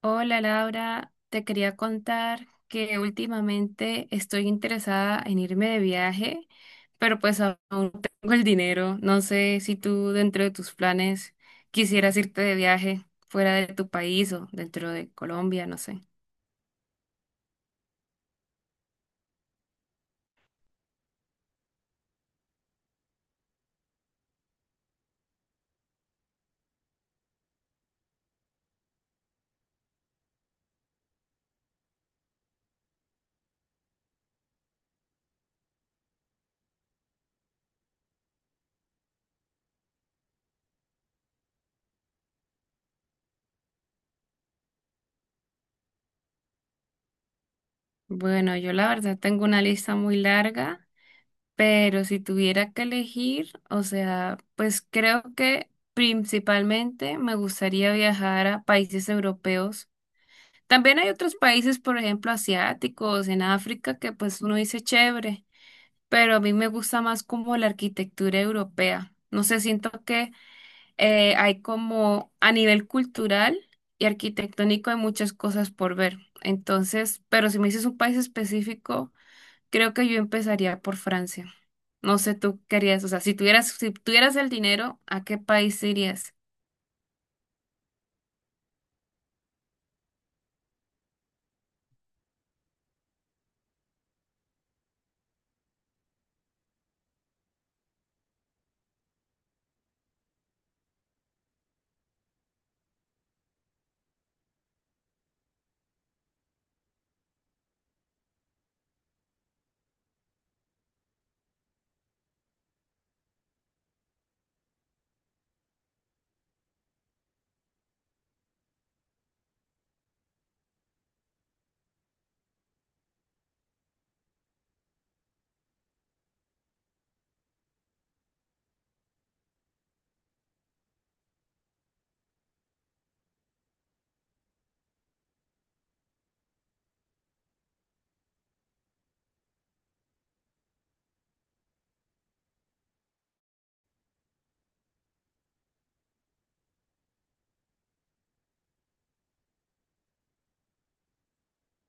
Hola Laura, te quería contar que últimamente estoy interesada en irme de viaje, pero pues aún no tengo el dinero. No sé si tú dentro de tus planes quisieras irte de viaje fuera de tu país o dentro de Colombia, no sé. Bueno, yo la verdad tengo una lista muy larga, pero si tuviera que elegir, o sea, pues creo que principalmente me gustaría viajar a países europeos. También hay otros países, por ejemplo, asiáticos, en África, que pues uno dice chévere, pero a mí me gusta más como la arquitectura europea. No sé, siento que hay como a nivel cultural y arquitectónico hay muchas cosas por ver. Entonces, pero si me dices un país específico, creo que yo empezaría por Francia. No sé, tú querías, o sea, si tuvieras el dinero, ¿a qué país irías?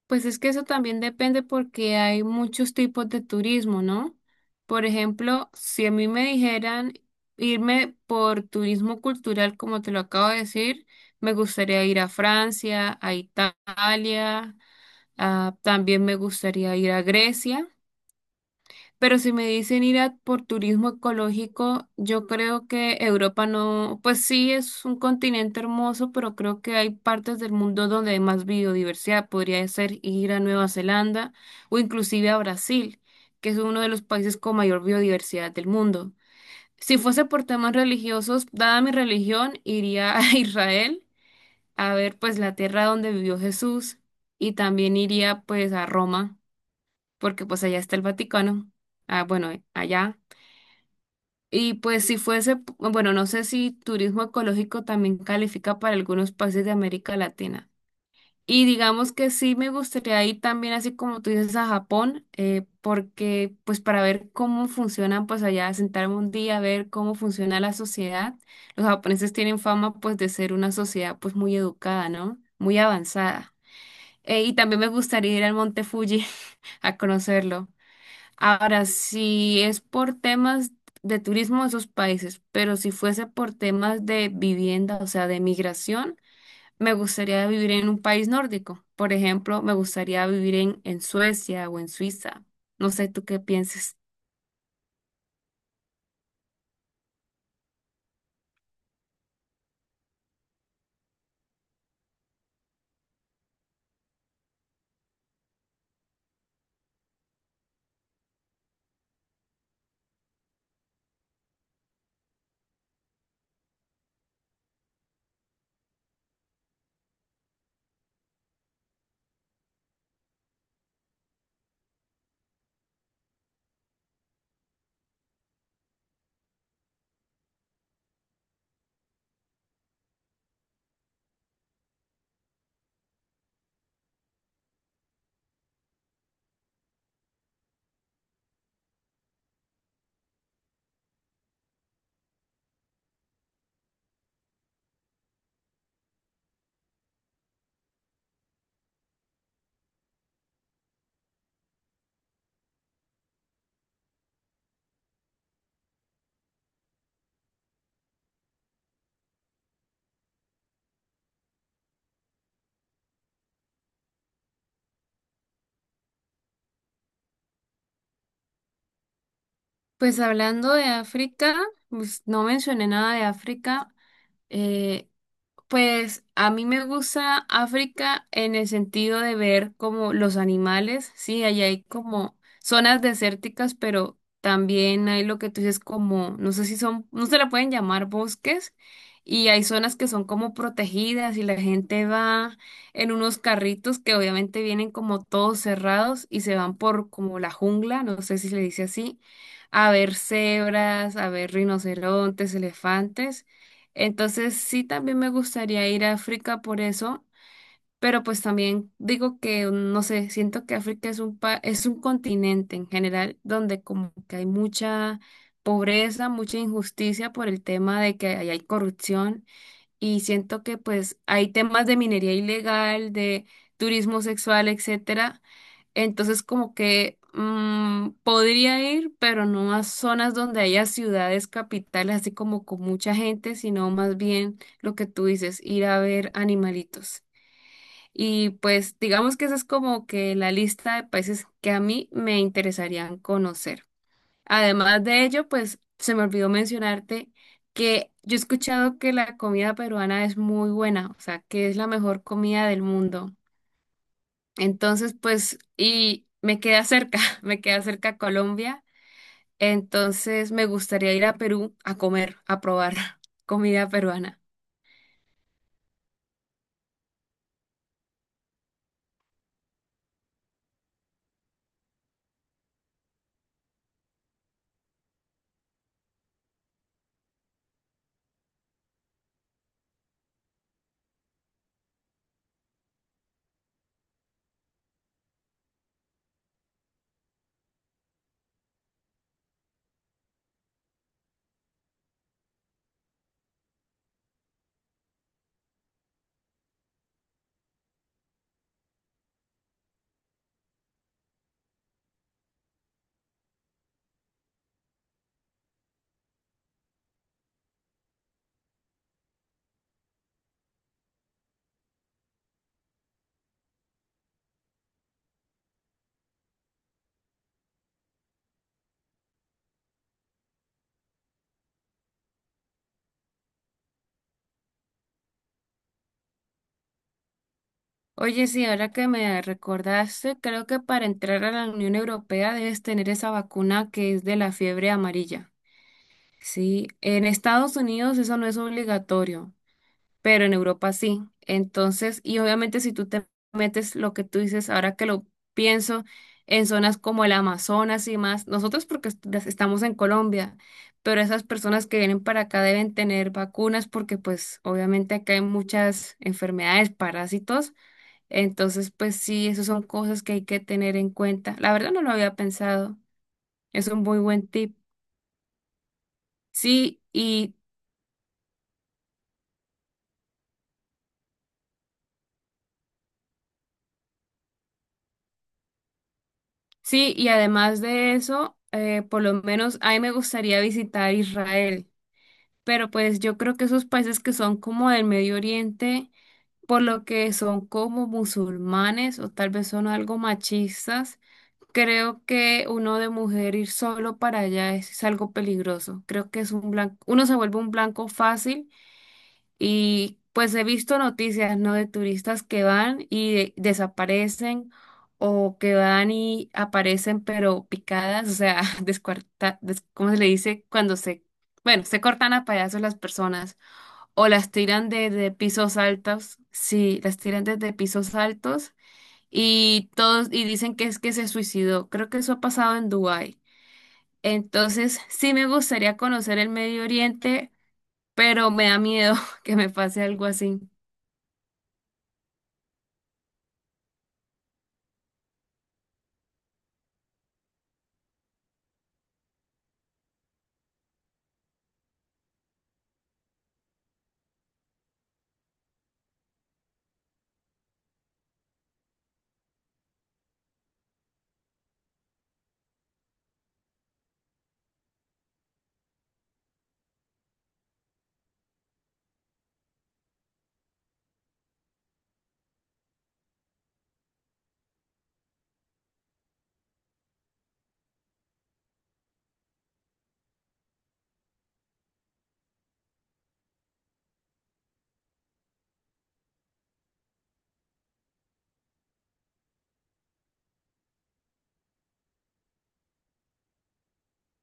Pues es que eso también depende porque hay muchos tipos de turismo, ¿no? Por ejemplo, si a mí me dijeran irme por turismo cultural, como te lo acabo de decir, me gustaría ir a Francia, a Italia, también me gustaría ir a Grecia. Pero si me dicen por turismo ecológico, yo creo que Europa no, pues sí es un continente hermoso, pero creo que hay partes del mundo donde hay más biodiversidad. Podría ser ir a Nueva Zelanda o inclusive a Brasil, que es uno de los países con mayor biodiversidad del mundo. Si fuese por temas religiosos, dada mi religión, iría a Israel a ver pues la tierra donde vivió Jesús y también iría pues a Roma, porque pues allá está el Vaticano. Ah, bueno, allá. Y pues si fuese, bueno, no sé si turismo ecológico también califica para algunos países de América Latina. Y digamos que sí me gustaría ir también, así como tú dices, a Japón, porque pues para ver cómo funcionan, pues allá sentarme un día a ver cómo funciona la sociedad. Los japoneses tienen fama pues de ser una sociedad pues muy educada, ¿no? Muy avanzada. Y también me gustaría ir al Monte Fuji a conocerlo. Ahora, si es por temas de turismo de esos países, pero si fuese por temas de vivienda, o sea, de migración, me gustaría vivir en un país nórdico. Por ejemplo, me gustaría vivir en Suecia o en Suiza. No sé tú qué pienses. Pues hablando de África, pues, no mencioné nada de África. Eh, Pues a mí me gusta África en el sentido de ver como los animales, sí, allá hay como zonas desérticas, pero también hay lo que tú dices como, no sé si son, no se la pueden llamar bosques, y hay zonas que son como protegidas y la gente va en unos carritos que obviamente vienen como todos cerrados y se van por como la jungla, no sé si se le dice así, a ver cebras, a ver rinocerontes, elefantes. Entonces sí, también me gustaría ir a África por eso, pero pues también digo que, no sé, siento que África es un continente en general donde como que hay mucha pobreza, mucha injusticia por el tema de que ahí hay corrupción y siento que pues hay temas de minería ilegal, de turismo sexual, etcétera. Entonces, como que podría ir, pero no a zonas donde haya ciudades capitales, así como con mucha gente, sino más bien lo que tú dices, ir a ver animalitos. Y pues digamos que esa es como que la lista de países que a mí me interesarían conocer. Además de ello, pues se me olvidó mencionarte que yo he escuchado que la comida peruana es muy buena, o sea, que es la mejor comida del mundo. Entonces, pues, y me queda cerca, me queda cerca Colombia. Entonces, me gustaría ir a Perú a comer, a probar comida peruana. Oye, sí, ahora que me recordaste, creo que para entrar a la Unión Europea debes tener esa vacuna que es de la fiebre amarilla. Sí, en Estados Unidos eso no es obligatorio, pero en Europa sí. Entonces, y obviamente si tú te metes lo que tú dices, ahora que lo pienso, en zonas como el Amazonas y más, nosotros porque estamos en Colombia, pero esas personas que vienen para acá deben tener vacunas porque pues obviamente acá hay muchas enfermedades, parásitos, entonces pues sí, esas son cosas que hay que tener en cuenta. La verdad no lo había pensado, es un muy buen tip. Sí, y sí, y además de eso, por lo menos a mí me gustaría visitar Israel, pero pues yo creo que esos países que son como del Medio Oriente, por lo que son como musulmanes o tal vez son algo machistas, creo que uno de mujer ir solo para allá es algo peligroso. Creo que es un blanco, uno se vuelve un blanco fácil y pues he visto noticias, ¿no? De turistas que van y desaparecen o que van y aparecen pero picadas, o sea, ¿cómo se le dice? Cuando se, bueno, se cortan a pedazos las personas o las tiran desde pisos altos, sí, las tiran desde pisos altos y todos, y dicen que es que se suicidó. Creo que eso ha pasado en Dubái. Entonces, sí me gustaría conocer el Medio Oriente, pero me da miedo que me pase algo así.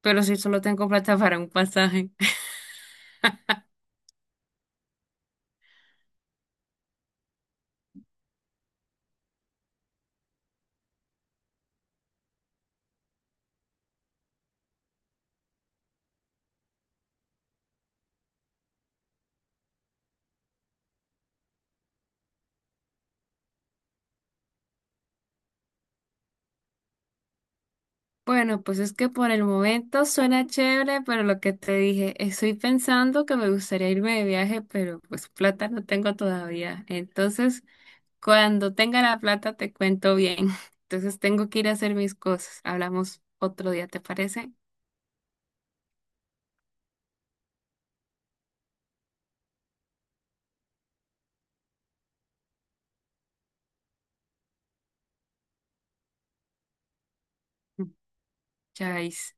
Pero si solo tengo plata para un pasaje. Bueno, pues es que por el momento suena chévere, pero lo que te dije, estoy pensando que me gustaría irme de viaje, pero pues plata no tengo todavía. Entonces, cuando tenga la plata te cuento bien. Entonces tengo que ir a hacer mis cosas. Hablamos otro día, ¿te parece? Mm. Chais.